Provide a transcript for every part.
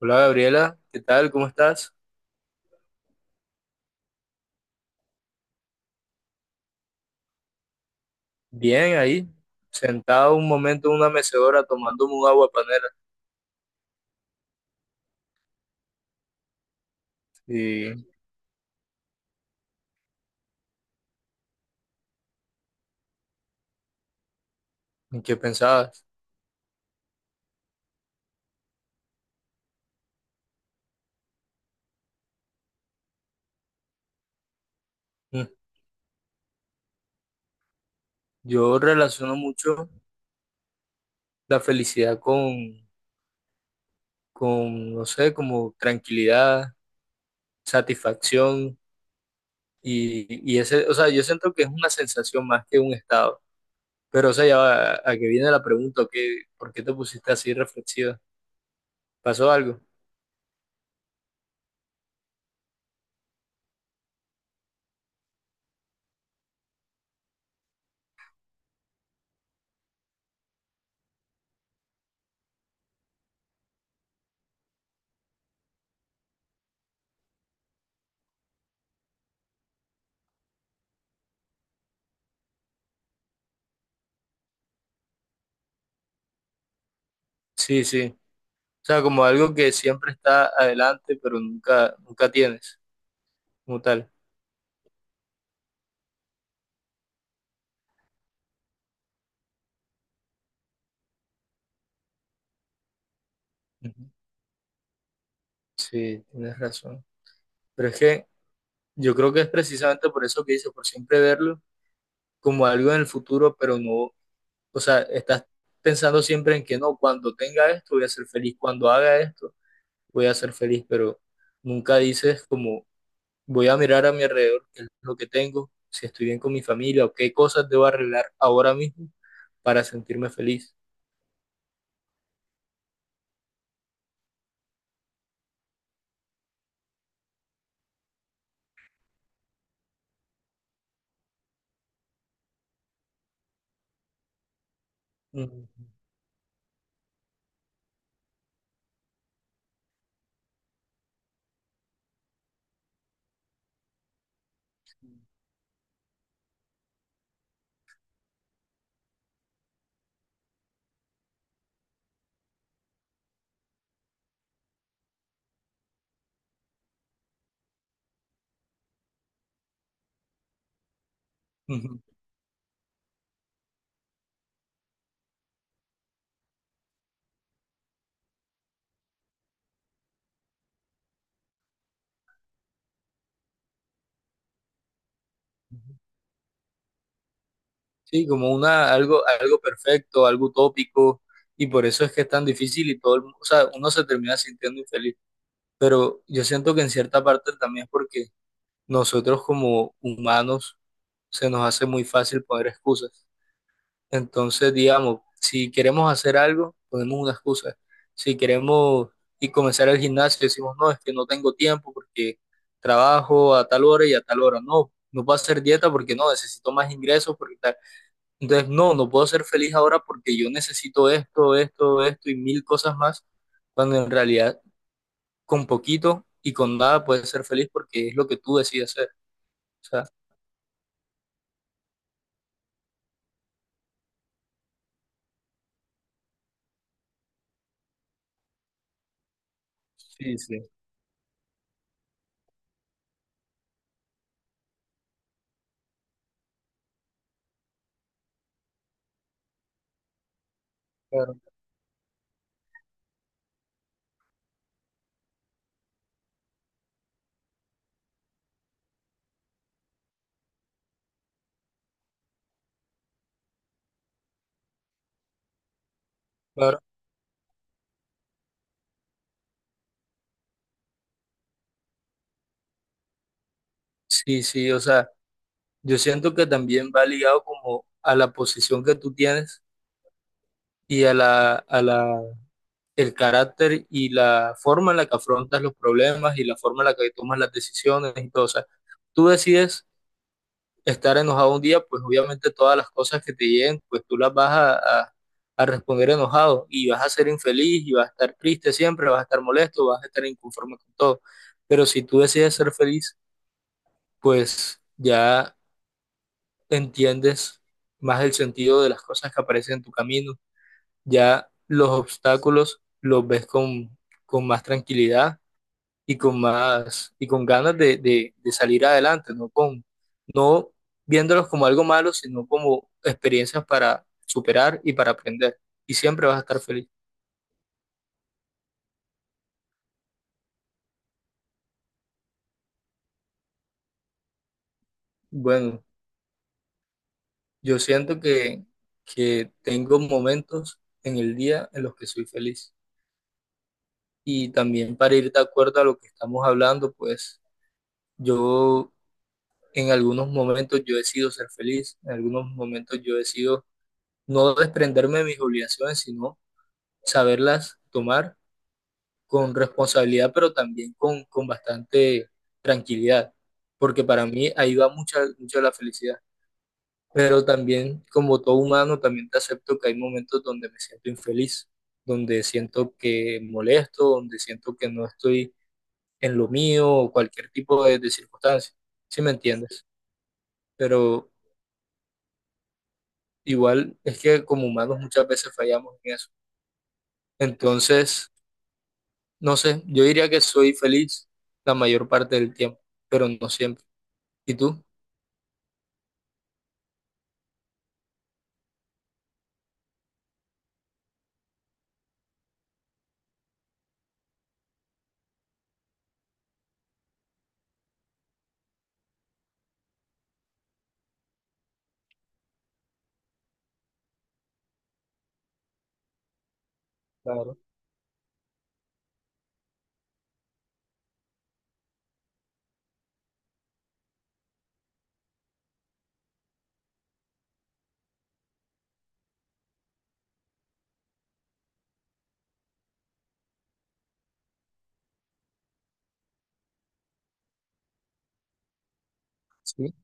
Hola Gabriela, ¿qué tal? ¿Cómo estás? Bien, ahí, sentado un momento en una mecedora tomándome un agua panela. ¿Y en qué pensabas? Mm, Yo relaciono mucho la felicidad con, no sé, como tranquilidad, satisfacción y ese, o sea, yo siento que es una sensación más que un estado. Pero, o sea, ya va, a que viene la pregunta, ¿Por qué te pusiste así reflexiva? ¿Pasó algo? Sí, sí. O sea, como algo que siempre está adelante, pero nunca, nunca tienes como tal. Ujú. Sí, tienes razón. Pero es que yo creo que es precisamente por eso que dice, por siempre verlo como algo en el futuro, pero no, o sea, estás pensando siempre en que no, cuando tenga esto voy a ser feliz, cuando haga esto voy a ser feliz, pero nunca dices como voy a mirar a mi alrededor, qué es lo que tengo, si estoy bien con mi familia o qué cosas debo arreglar ahora mismo para sentirme feliz. Ujú. Ujú. Sí, como algo perfecto, algo utópico, y por eso es que es tan difícil y o sea, uno se termina sintiendo infeliz. Pero yo siento que en cierta parte también es porque nosotros como humanos se nos hace muy fácil poner excusas. Entonces, digamos, si queremos hacer algo, ponemos una excusa. Si queremos y comenzar el gimnasio, decimos, no, es que no tengo tiempo porque trabajo a tal hora y a tal hora. No, no puedo hacer dieta porque no, necesito más ingresos porque tal. Entonces, no, no puedo ser feliz ahora porque yo necesito esto, esto, esto y mil cosas más, cuando en realidad con poquito y con nada puedes ser feliz porque es lo que tú decides ser. O sea, sí, sí. Claro, claro. Sí, sí, o sea, yo siento que también va ligado como a la posición que tú tienes y el carácter y la forma en la que afrontas los problemas y la forma en la que tomas las decisiones y todo. O sea, tú decides estar enojado un día, pues obviamente todas las cosas que te lleguen, pues tú las vas a- a responder enojado y vas a ser infeliz y vas a estar triste siempre, vas a estar molesto, vas a estar inconforme con todo. Pero si tú decides ser feliz, pues ya entiendes más el sentido de las cosas que aparecen en tu camino, ya los obstáculos los ves con, más tranquilidad y con más, y con ganas de salir adelante, no con, no viéndolos como algo malo, sino como experiencias para superar y para aprender. Y siempre vas a estar feliz. Bueno, yo siento que tengo momentos en el día en los que soy feliz. Y también para ir de acuerdo a lo que estamos hablando, pues yo en algunos momentos yo decido ser feliz, en algunos momentos yo decido no desprenderme de mis obligaciones, sino saberlas tomar con responsabilidad, pero también con, bastante tranquilidad, porque para mí ahí va mucha, mucha la felicidad. Pero también, como todo humano, también te acepto que hay momentos donde me siento infeliz, donde siento que molesto, donde siento que no estoy en lo mío o cualquier tipo de circunstancia, ¿sí me entiendes? Pero igual es que como humanos muchas veces fallamos en eso. Entonces, no sé, yo diría que soy feliz la mayor parte del tiempo, pero no siempre. ¿Y tú? Claro, sí.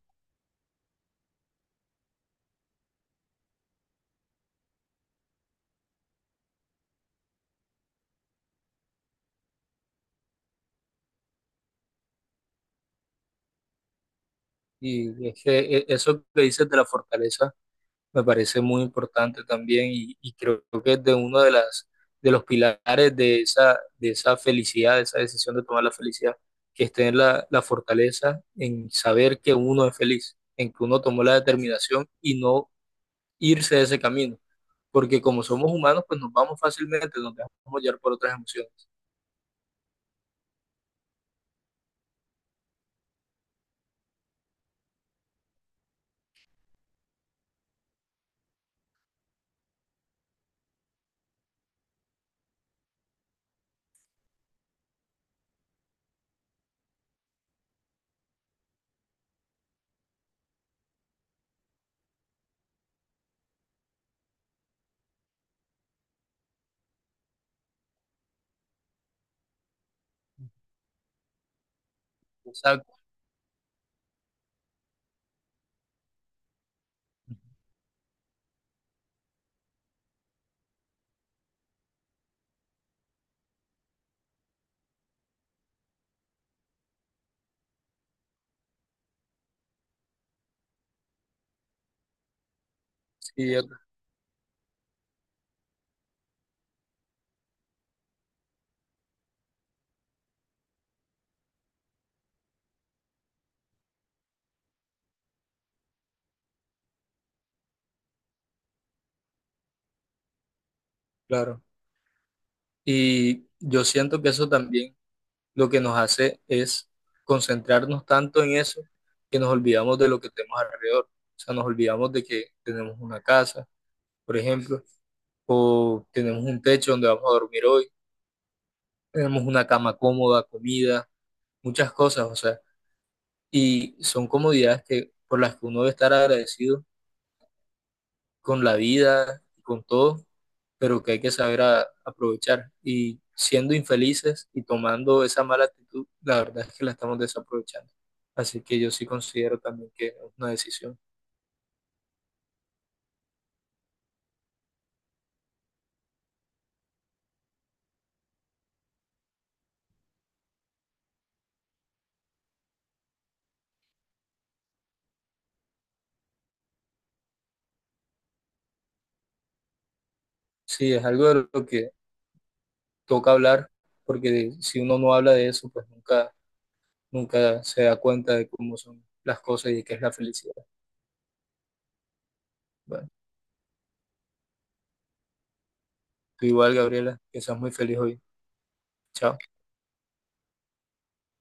Y es que eso que dices de la fortaleza me parece muy importante también y creo que es de uno de los pilares de esa felicidad, de esa decisión de tomar la felicidad, que es tener la fortaleza en saber que uno es feliz, en que uno tomó la determinación y no irse de ese camino, porque como somos humanos, pues nos vamos fácilmente, nos dejamos llevar por otras emociones. Exacto, sí, claro. Y yo siento que eso también lo que nos hace es concentrarnos tanto en eso que nos olvidamos de lo que tenemos alrededor. O sea, nos olvidamos de que tenemos una casa, por ejemplo, o tenemos un techo donde vamos a dormir hoy, tenemos una cama cómoda, comida, muchas cosas, o sea, y son comodidades que, por las que uno debe estar agradecido con la vida, con todo, pero que hay que saber aprovechar. Y siendo infelices y tomando esa mala actitud, la verdad es que la estamos desaprovechando. Así que yo sí considero también que es una decisión. Sí, es algo de lo que toca hablar, porque si uno no habla de eso, pues nunca, nunca se da cuenta de cómo son las cosas y de qué es la felicidad. Bueno, tú igual, Gabriela, que seas muy feliz hoy. Chao.